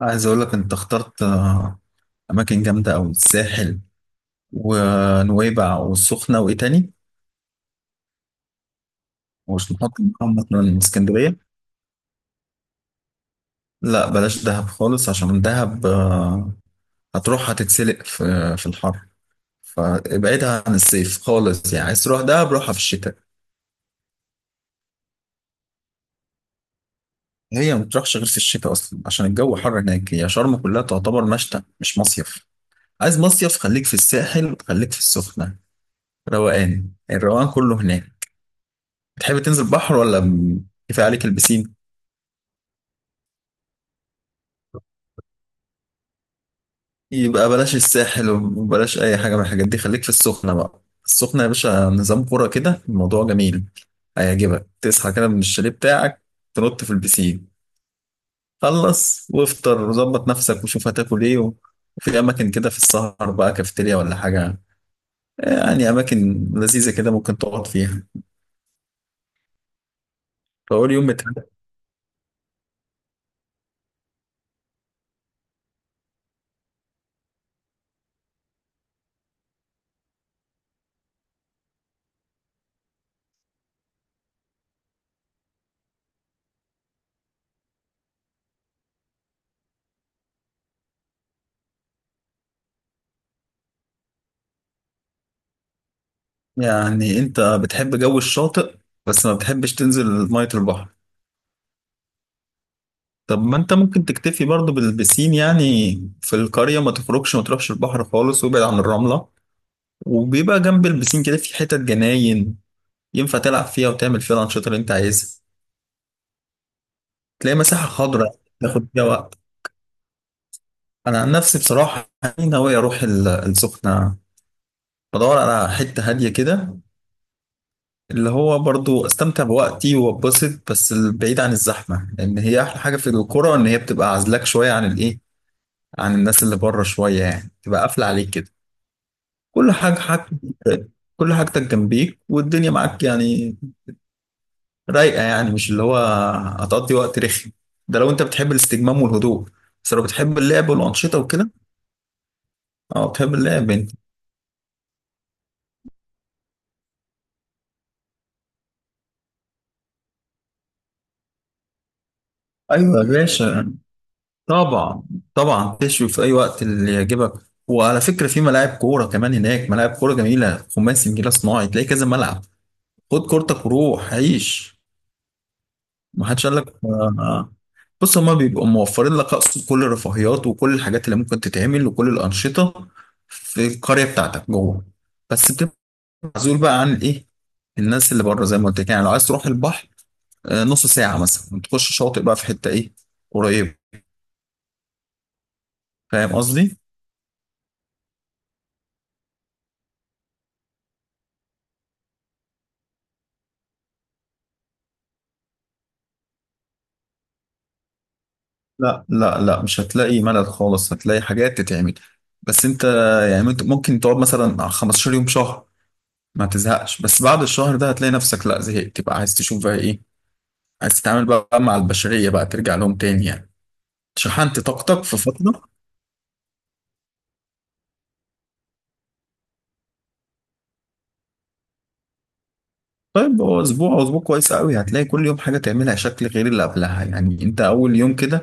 عايز اقول لك انت اخترت اماكن جامده قوي. الساحل ونويبع والسخنه وايه تاني؟ ومش نحط معاهم مثلا اسكندريه؟ لا بلاش دهب خالص عشان دهب هتروح هتتسلق في الحر. فابعدها عن الصيف خالص، يعني عايز تروح دهب روحها في الشتاء. هي ما بتروحش غير في الشتاء اصلا عشان الجو حر هناك، هي شرم كلها تعتبر مشتى مش مصيف. عايز مصيف خليك في الساحل، خليك في السخنه. روقان، الروقان كله هناك. بتحب تنزل بحر ولا كفايه عليك البسين؟ يبقى بلاش الساحل وبلاش اي حاجه من الحاجات دي، خليك في السخنه بقى. السخنه يا باشا نظام كوره كده، الموضوع جميل، هيعجبك. تصحى كده من الشاليه بتاعك، تنط في البسين، خلص وافطر وظبط نفسك وشوف هتاكل ايه وفي اماكن كده في السهر بقى، كافيتيريا ولا حاجه، يعني اماكن لذيذه كده ممكن تقعد فيها. فاول يوم بتاعك. يعني انت بتحب جو الشاطئ بس ما بتحبش تنزل ميه البحر. طب ما انت ممكن تكتفي برضو بالبسين يعني. في القرية ما تخرجش، ما تروحش البحر خالص، وابعد عن الرملة. وبيبقى جنب البسين كده في حتت جناين ينفع تلعب فيها وتعمل فيها الأنشطة اللي انت عايزها. تلاقي مساحة خضراء تاخد فيها وقت. أنا عن نفسي بصراحة يعني ناوي أروح السخنة. بدور على حتة هادية كده، اللي هو برضو أستمتع بوقتي وأتبسط بس بعيد عن الزحمة، لأن هي أحلى حاجة في القرى إن هي بتبقى عازلاك شوية عن الإيه، عن الناس اللي بره شوية، يعني تبقى قافلة عليك كده، كل حاجة حاجتك، كل حاجتك جنبيك والدنيا معاك يعني. رايقة يعني، مش اللي هو، هتقضي وقت رخي. ده لو انت بتحب الاستجمام والهدوء، بس لو بتحب اللعب والأنشطة وكده. اه بتحب اللعب انت. ايوه يا باشا، طبعا طبعا، تشوي في اي وقت اللي يعجبك. وعلى فكرة في ملاعب كورة كمان هناك، ملاعب كورة جميلة، خماسي نجيلة صناعي، تلاقي كذا ملعب. خد كورتك وروح عيش. ما حدش قال لك بص، هما بيبقوا موفرين لك، اقصد كل الرفاهيات وكل الحاجات اللي ممكن تتعمل وكل الانشطه في القريه بتاعتك جوه. بس بتبقى معزول بقى عن ايه، الناس اللي بره زي ما قلت لك. يعني لو عايز تروح البحر، نص ساعه مثلا تخش شاطئ بقى في حته ايه، قريب. فاهم قصدي. لا لا لا، مش هتلاقي ملل خالص، هتلاقي حاجات تتعمل. بس انت يعني، ممكن تقعد مثلا 15 يوم، شهر، ما تزهقش. بس بعد الشهر ده هتلاقي نفسك، لا زهقت تبقى عايز تشوف بقى ايه، عايز تتعامل بقى مع البشرية بقى، ترجع لهم تاني يعني. شحنت طاقتك في فترة. طيب هو أسبوع أو أسبوع كويس قوي، هتلاقي كل يوم حاجة تعملها شكل غير اللي قبلها. يعني أنت أول يوم كده،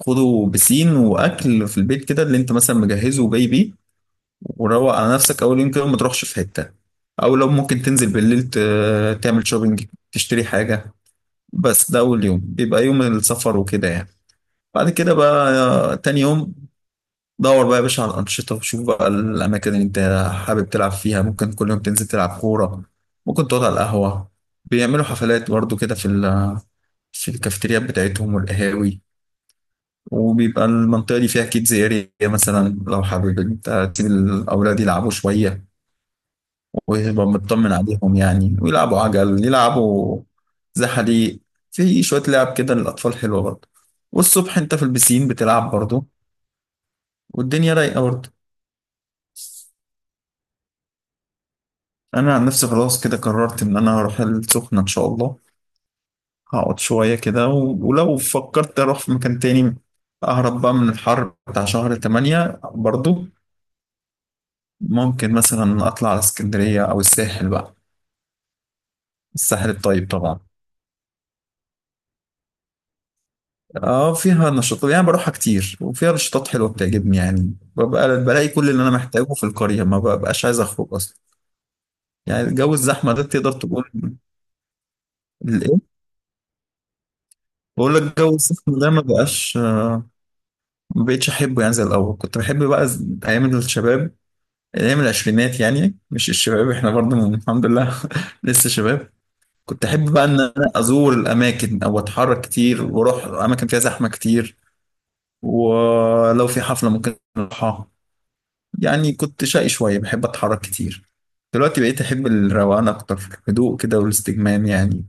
خده بسين وأكل في البيت كده اللي أنت مثلا مجهزه وجاي بيه، وروق على نفسك أول يوم كده وما تروحش في حتة. أو لو ممكن تنزل بالليل تعمل شوبينج، تشتري حاجة، بس ده أول يوم بيبقى يوم السفر وكده يعني. بعد كده بقى تاني يوم، دور بقى يا باشا على الأنشطة، وشوف بقى الأماكن اللي أنت حابب تلعب فيها. ممكن كل يوم تنزل تلعب كورة، ممكن تقعد على القهوة. بيعملوا حفلات برضو كده في في الكافيتريات بتاعتهم والقهاوي. وبيبقى المنطقة دي فيها كيدز اريا مثلا، لو حابب انت تسيب الأولاد يلعبوا شوية ويبقى مطمن عليهم. يعني ويلعبوا عجل، يلعبوا زحاليق، في شوية لعب كده للأطفال حلوة برضو. والصبح انت في البسين بتلعب برضو، والدنيا رايقة برضو. انا عن نفسي خلاص كده قررت ان انا هروح السخنه ان شاء الله. هقعد شويه كده ولو فكرت اروح في مكان تاني، اهرب بقى من الحر بتاع شهر 8 برضو، ممكن مثلا اطلع على اسكندريه او الساحل بقى. الساحل الطيب طبعا. اه فيها نشاطات يعني، بروحها كتير وفيها نشاطات حلوه بتعجبني. يعني ببقى بلاقي كل اللي انا محتاجه في القريه، ما ببقاش عايز اخرج اصلا. يعني الجو الزحمه ده تقدر تقول. الايه. بقول لك الجو الزحمه ده ما بقاش، ما بقتش احبه يعني زي الاول. كنت بحب بقى ايام الشباب، ايام العشرينات يعني. مش الشباب، احنا برضه الحمد لله لسه شباب. كنت احب بقى ان انا ازور الاماكن او اتحرك كتير واروح اماكن فيها زحمه كتير، ولو في حفله ممكن اروحها. يعني كنت شقي شويه، بحب اتحرك كتير. دلوقتي بقيت احب الروقان اكتر، الهدوء كده والاستجمام يعني.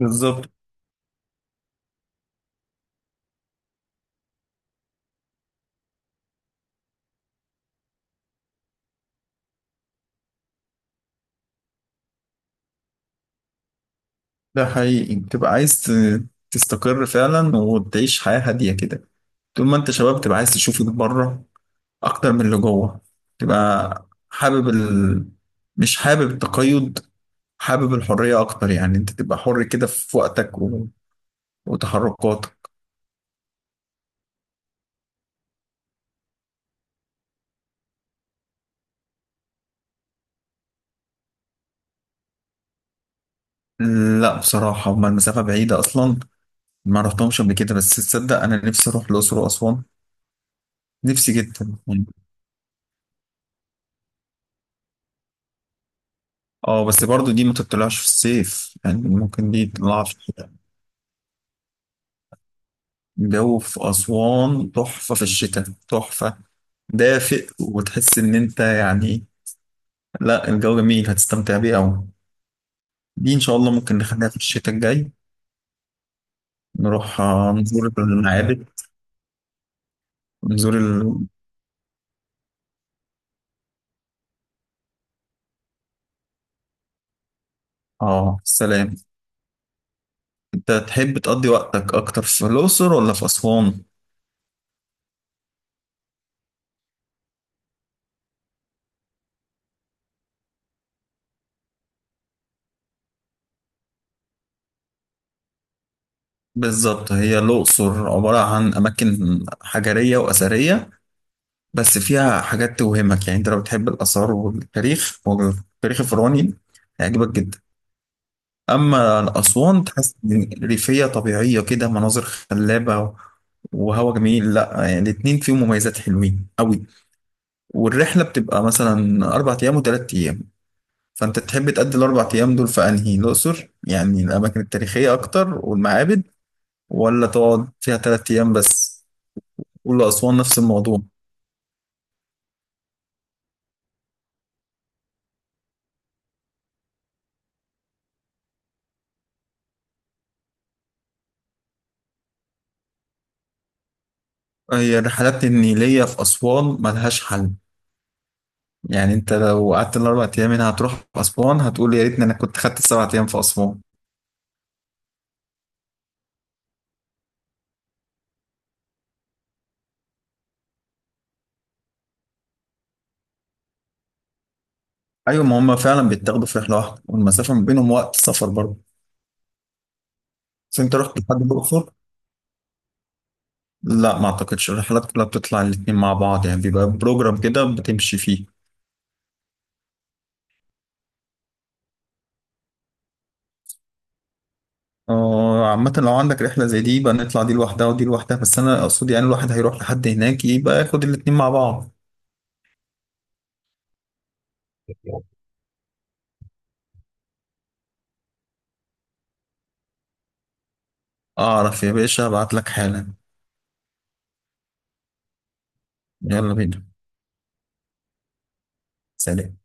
بالظبط. ده حقيقي بتبقى عايز تستقر فعلا وتعيش حياه هاديه كده. طول ما انت شباب تبقى عايز تشوف اللي بره اكتر من اللي جوه. تبقى حابب مش حابب التقيد، حابب الحرية اكتر. يعني انت تبقى حر كده في وقتك وتحركاتك. لا بصراحة هما المسافة بعيدة اصلا، ما رحتهمش قبل كده. بس تصدق انا نفسي اروح الاقصر واسوان. نفسي جدا يعني. اه بس برضو دي ما تطلعش في الصيف، يعني ممكن دي تطلع في الشتاء. الجو في اسوان تحفة في الشتاء، تحفة. دافئ وتحس ان انت يعني، لا الجو جميل هتستمتع بيه أوي. دي إن شاء الله ممكن نخليها في الشتاء الجاي. نروح نزور المعابد، نزور ال... آه السلام. أنت تحب تقضي وقتك أكتر في الأقصر ولا في أسوان؟ بالظبط، هي الأقصر عبارة عن أماكن حجرية وأثرية، بس فيها حاجات توهمك. يعني أنت لو بتحب الآثار والتاريخ والتاريخ الفرعوني هيعجبك جدا. أما الأسوان تحس إن ريفية طبيعية كده، مناظر خلابة وهوا جميل. لا يعني الاتنين فيهم مميزات حلوين أوي. والرحلة بتبقى مثلا 4 أيام و3 أيام. فأنت تحب تقضي ال4 أيام دول في أنهي؟ الأقصر يعني الأماكن التاريخية أكتر والمعابد، ولا تقعد فيها 3 أيام بس، والأسوان نفس الموضوع. هي الرحلات النيلية في أسوان ملهاش حل، يعني أنت لو قعدت ال4 أيام هنا هتروح أسوان هتقول يا ريتني أنا كنت خدت ال7 أيام في أسوان. أيوة، ما هما فعلا بيتاخدوا في رحلة واحدة، والمسافة ما بينهم وقت سفر برضه. بس أنت رحت لحد الأقصر. لا ما اعتقدش، الرحلات كلها بتطلع الاتنين مع بعض يعني، بيبقى بروجرام كده بتمشي فيه. عامة لو عندك رحلة زي دي يبقى نطلع دي لوحدها ودي لوحدها، بس أنا أقصد يعني الواحد هيروح لحد هناك يبقى ياخد الاتنين مع بعض. أعرف يا باشا، أبعت لك حالا. يلا بينا. سلام.